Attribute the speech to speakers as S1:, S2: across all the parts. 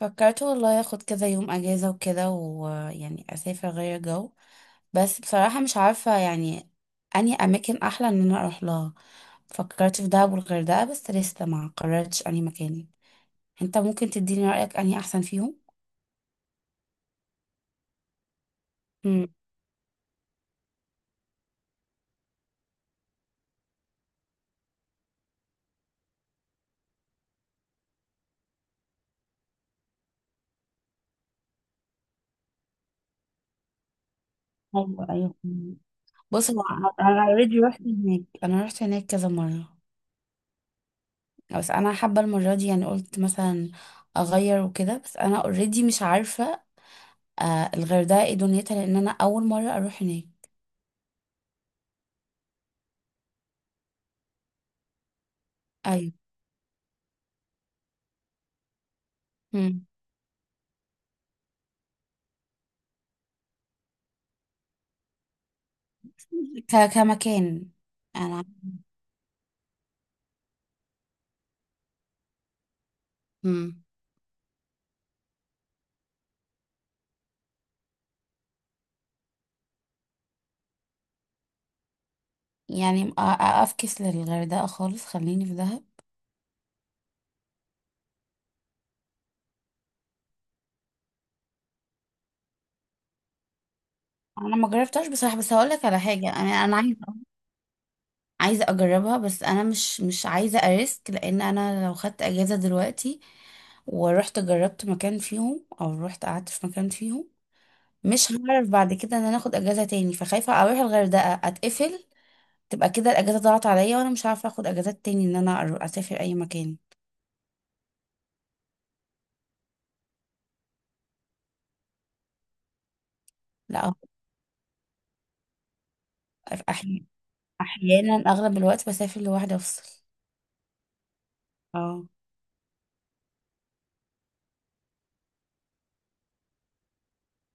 S1: فكرت والله اخد كذا يوم اجازة وكده ويعني اسافر غير جو. بس بصراحة مش عارفة يعني اني اماكن احلى ان انا اروح لها. فكرت في دهب والغردقة بس لسه ما قررتش اني مكان. انت ممكن تديني رأيك اني احسن فيهم؟ امم. ايوه ايوه. بص، هو انا اوريدي رحت هناك، انا رحت هناك كذا مرة. بس انا حابة المرة دي يعني قلت مثلا اغير وكده، بس انا اوريدي مش عارفة. آه، الغردقة ايه دنيتها؟ لان انا اول مرة اروح هناك. مم. كمكان. انا مم. يعني افكس للغردقه خالص، خليني في دهب. انا ما جربتهاش بصراحه، بس هقول لك على حاجه، انا عايزه اجربها، بس انا مش عايزه اريسك لان انا لو خدت اجازه دلوقتي ورحت جربت مكان فيهم او رحت قعدت في مكان فيهم، مش هعرف بعد كده ان انا اخد اجازه تاني. فخايفه اروح الغردقه اتقفل تبقى كده الاجازه ضاعت عليا، وانا مش عارفه اخد اجازات تاني ان انا اسافر اي مكان. لا أهو. احيانا احيانا اغلب الوقت بسافر لوحدي افصل. اه.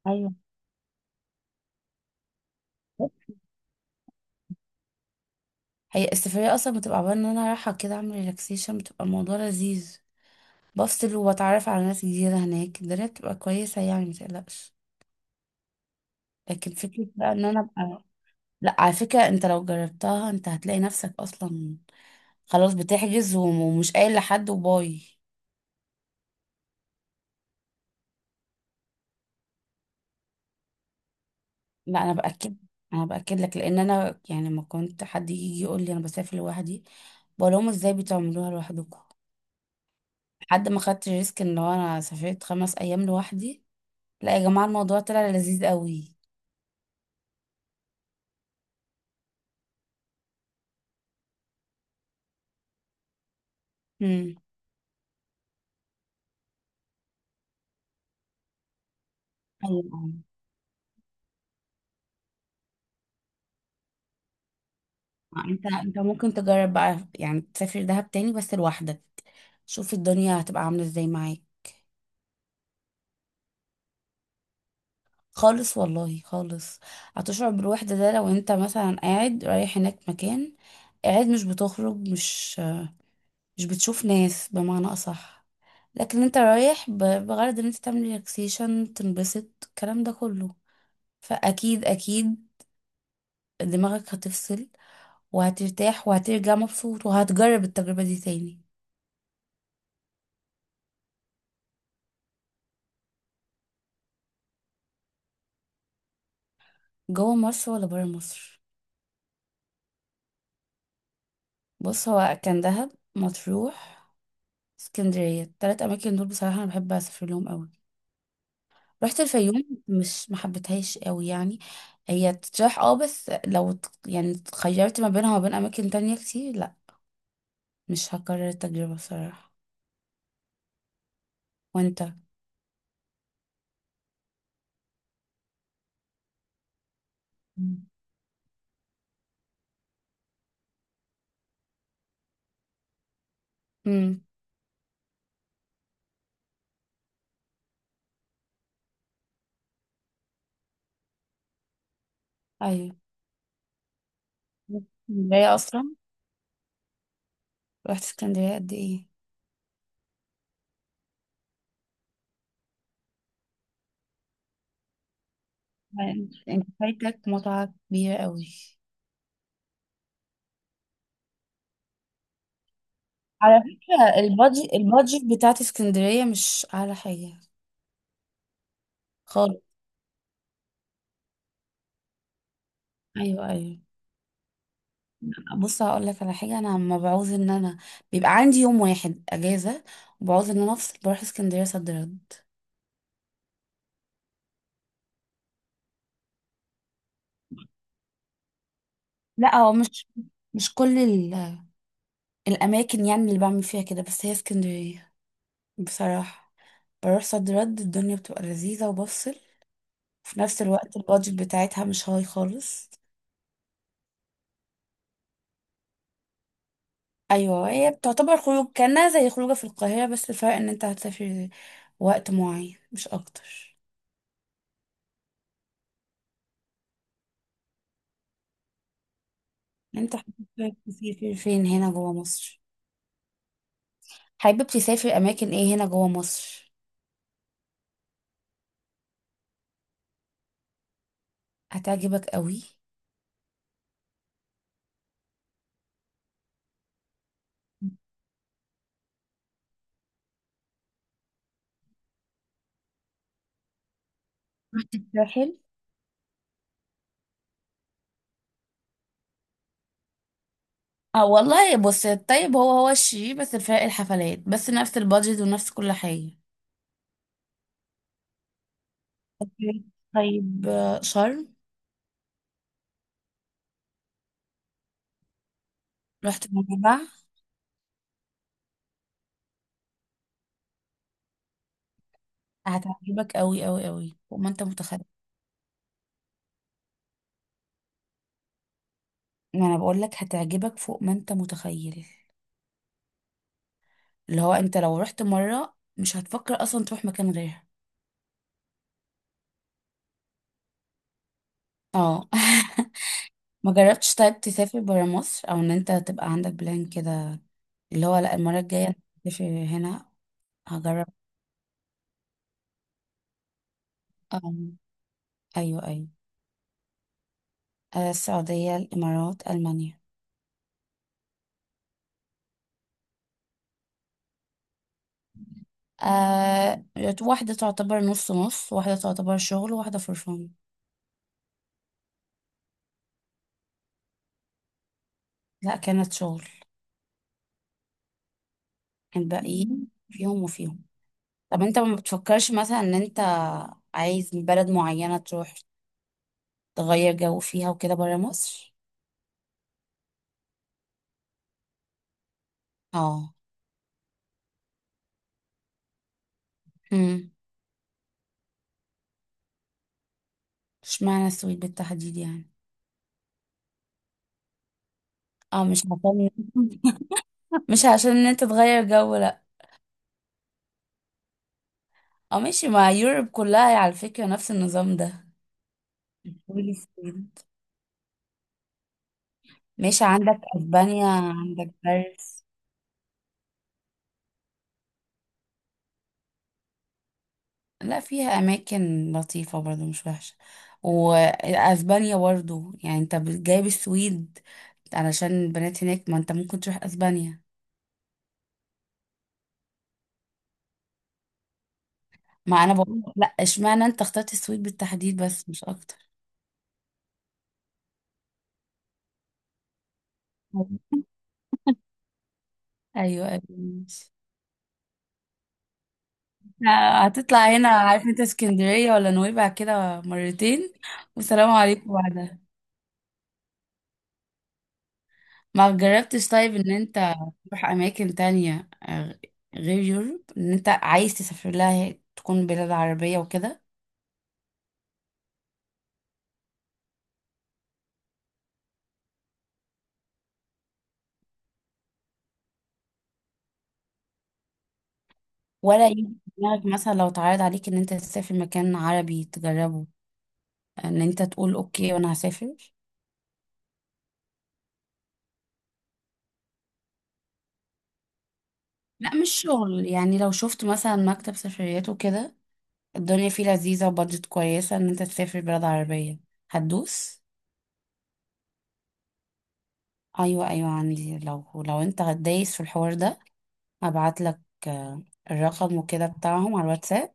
S1: ايوه. هي السفرية اصلا بتبقى عبارة ان انا رايحة كده اعمل ريلاكسيشن، بتبقى الموضوع لذيذ. بفصل وبتعرف على ناس جديدة هناك، الدنيا بتبقى كويسة يعني متقلقش. لكن فكرة بقى ان انا ابقى. لا على فكرة، انت لو جربتها انت هتلاقي نفسك اصلا خلاص بتحجز ومش قايل لحد وباي. لا انا باكد. انا باكد لك لان انا يعني لما كنت حد يجي يقول لي انا بسافر لوحدي، بقول لهم ازاي بتعملوها لوحدكم. حد ما خدت ريسك ان هو انا سافرت 5 ايام لوحدي. لا يا جماعه، الموضوع طلع لذيذ قوي. امم. ايوه. آه، انت ممكن تجرب بقى يعني تسافر دهب تاني بس لوحدك. شوف الدنيا هتبقى عامله ازاي معاك. خالص والله خالص. هتشعر بالوحده ده لو انت مثلا قاعد رايح هناك مكان، قاعد مش بتخرج مش بتشوف ناس بمعنى اصح. لكن انت رايح بغرض ان انت تعمل ريلاكسيشن تنبسط، الكلام ده كله فاكيد اكيد دماغك هتفصل وهترتاح وهترجع مبسوط وهتجرب التجربة دي تاني. جوه مصر ولا برا مصر؟ بص، هو كان دهب، مطروح، اسكندرية، التلات أماكن دول بصراحة أنا بحب أسافر لهم أوي. رحت الفيوم مش محبتهاش أوي يعني. هي تتراح اه، بس لو يعني اتخيرت ما بينها وما بين أماكن تانية كتير لأ مش هكرر التجربة بصراحة. وانت؟ امم. أيوه. اسكندرية أصلا، رحت اسكندرية قد ايه؟ يعني انت فايتك متعة كبيرة أوي. على فكرة البادجت بتاعت اسكندرية مش أعلى حاجة خالص. أيوه أيوه. بص هقول لك على حاجة، أنا لما بعوز إن أنا بيبقى عندي يوم واحد أجازة وبعوز إن أنا أفصل بروح اسكندرية صد رد. لا هو مش كل الأماكن يعني اللي بعمل فيها كده، بس هي اسكندرية بصراحة، بروح صد رد الدنيا بتبقى لذيذة وبفصل، في نفس الوقت البادجت بتاعتها مش هاي خالص. ايوه، هي بتعتبر خروج كانها زي خروجه في القاهره، بس الفرق ان انت هتسافر وقت معين مش اكتر. انت حابب تسافر فين هنا جوه مصر؟ حابب تسافر اماكن ايه هنا جوه مصر؟ هتعجبك قوي. رحت الساحل؟ اه والله، بص الطيب هو هو الشيء، بس الفرق الحفلات بس، نفس البادجت ونفس كل حاجه. طيب شرم. رحت منبع؟ هتعجبك قوي قوي قوي فوق ما انت متخيل. ما انا بقول لك هتعجبك فوق ما انت متخيل، اللي هو انت لو رحت مرة مش هتفكر اصلا تروح مكان غيرها. اه. ما جربتش طيب تسافر برا مصر او ان انت تبقى عندك بلان كده، اللي هو لا المرة الجاية أنا هسافر هنا. هجرب. اه. ايوه ايوه. آه، السعودية الامارات المانيا. آه، واحدة تعتبر نص نص، واحدة تعتبر شغل، وواحدة فرفان. لا كانت شغل. الباقيين فيهم وفيهم. طب انت ما بتفكرش مثلا ان انت عايز بلد معينة تروح تغير جو فيها وكده برا مصر؟ اه. امم. اشمعنى السويد بالتحديد يعني؟ اه مش عشان. مش عشان ان انت تغير جو لا. اه ماشي، ما يوروب كلها على فكرة نفس النظام ده. قولي السويد. ماشي، عندك اسبانيا عندك باريس. لا، فيها اماكن لطيفة برضو مش وحشة. واسبانيا برضو يعني انت جايب السويد علشان البنات هناك، ما انت ممكن تروح اسبانيا. ما انا بقول لا، اشمعنى انت اخترت السويد بالتحديد بس مش اكتر. ايوه ايوه ماشي. هتطلع هنا عارف انت اسكندرية ولا نويبع كده مرتين، والسلام عليكم بعدها. ما جربتش طيب ان انت تروح اماكن تانية غير يوروب ان انت عايز تسافر لها تكون بلاد عربية وكده؟ ولا يجي في دماغك مثلا لو اتعرض عليك ان انت تسافر مكان عربي تجربه، ان انت تقول اوكي وانا هسافر؟ لا مش شغل يعني، لو شفت مثلا مكتب سفريات وكده الدنيا فيه لذيذة وبادجت كويسة ان انت تسافر بلاد عربية هتدوس؟ ايوه ايوه عندي. لو انت دايس في الحوار ده هبعت لك آه، الرقم وكده بتاعهم على الواتساب،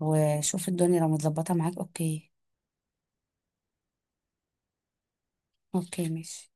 S1: وشوف الدنيا لو متظبطة معاك اوكي. اوكي ماشي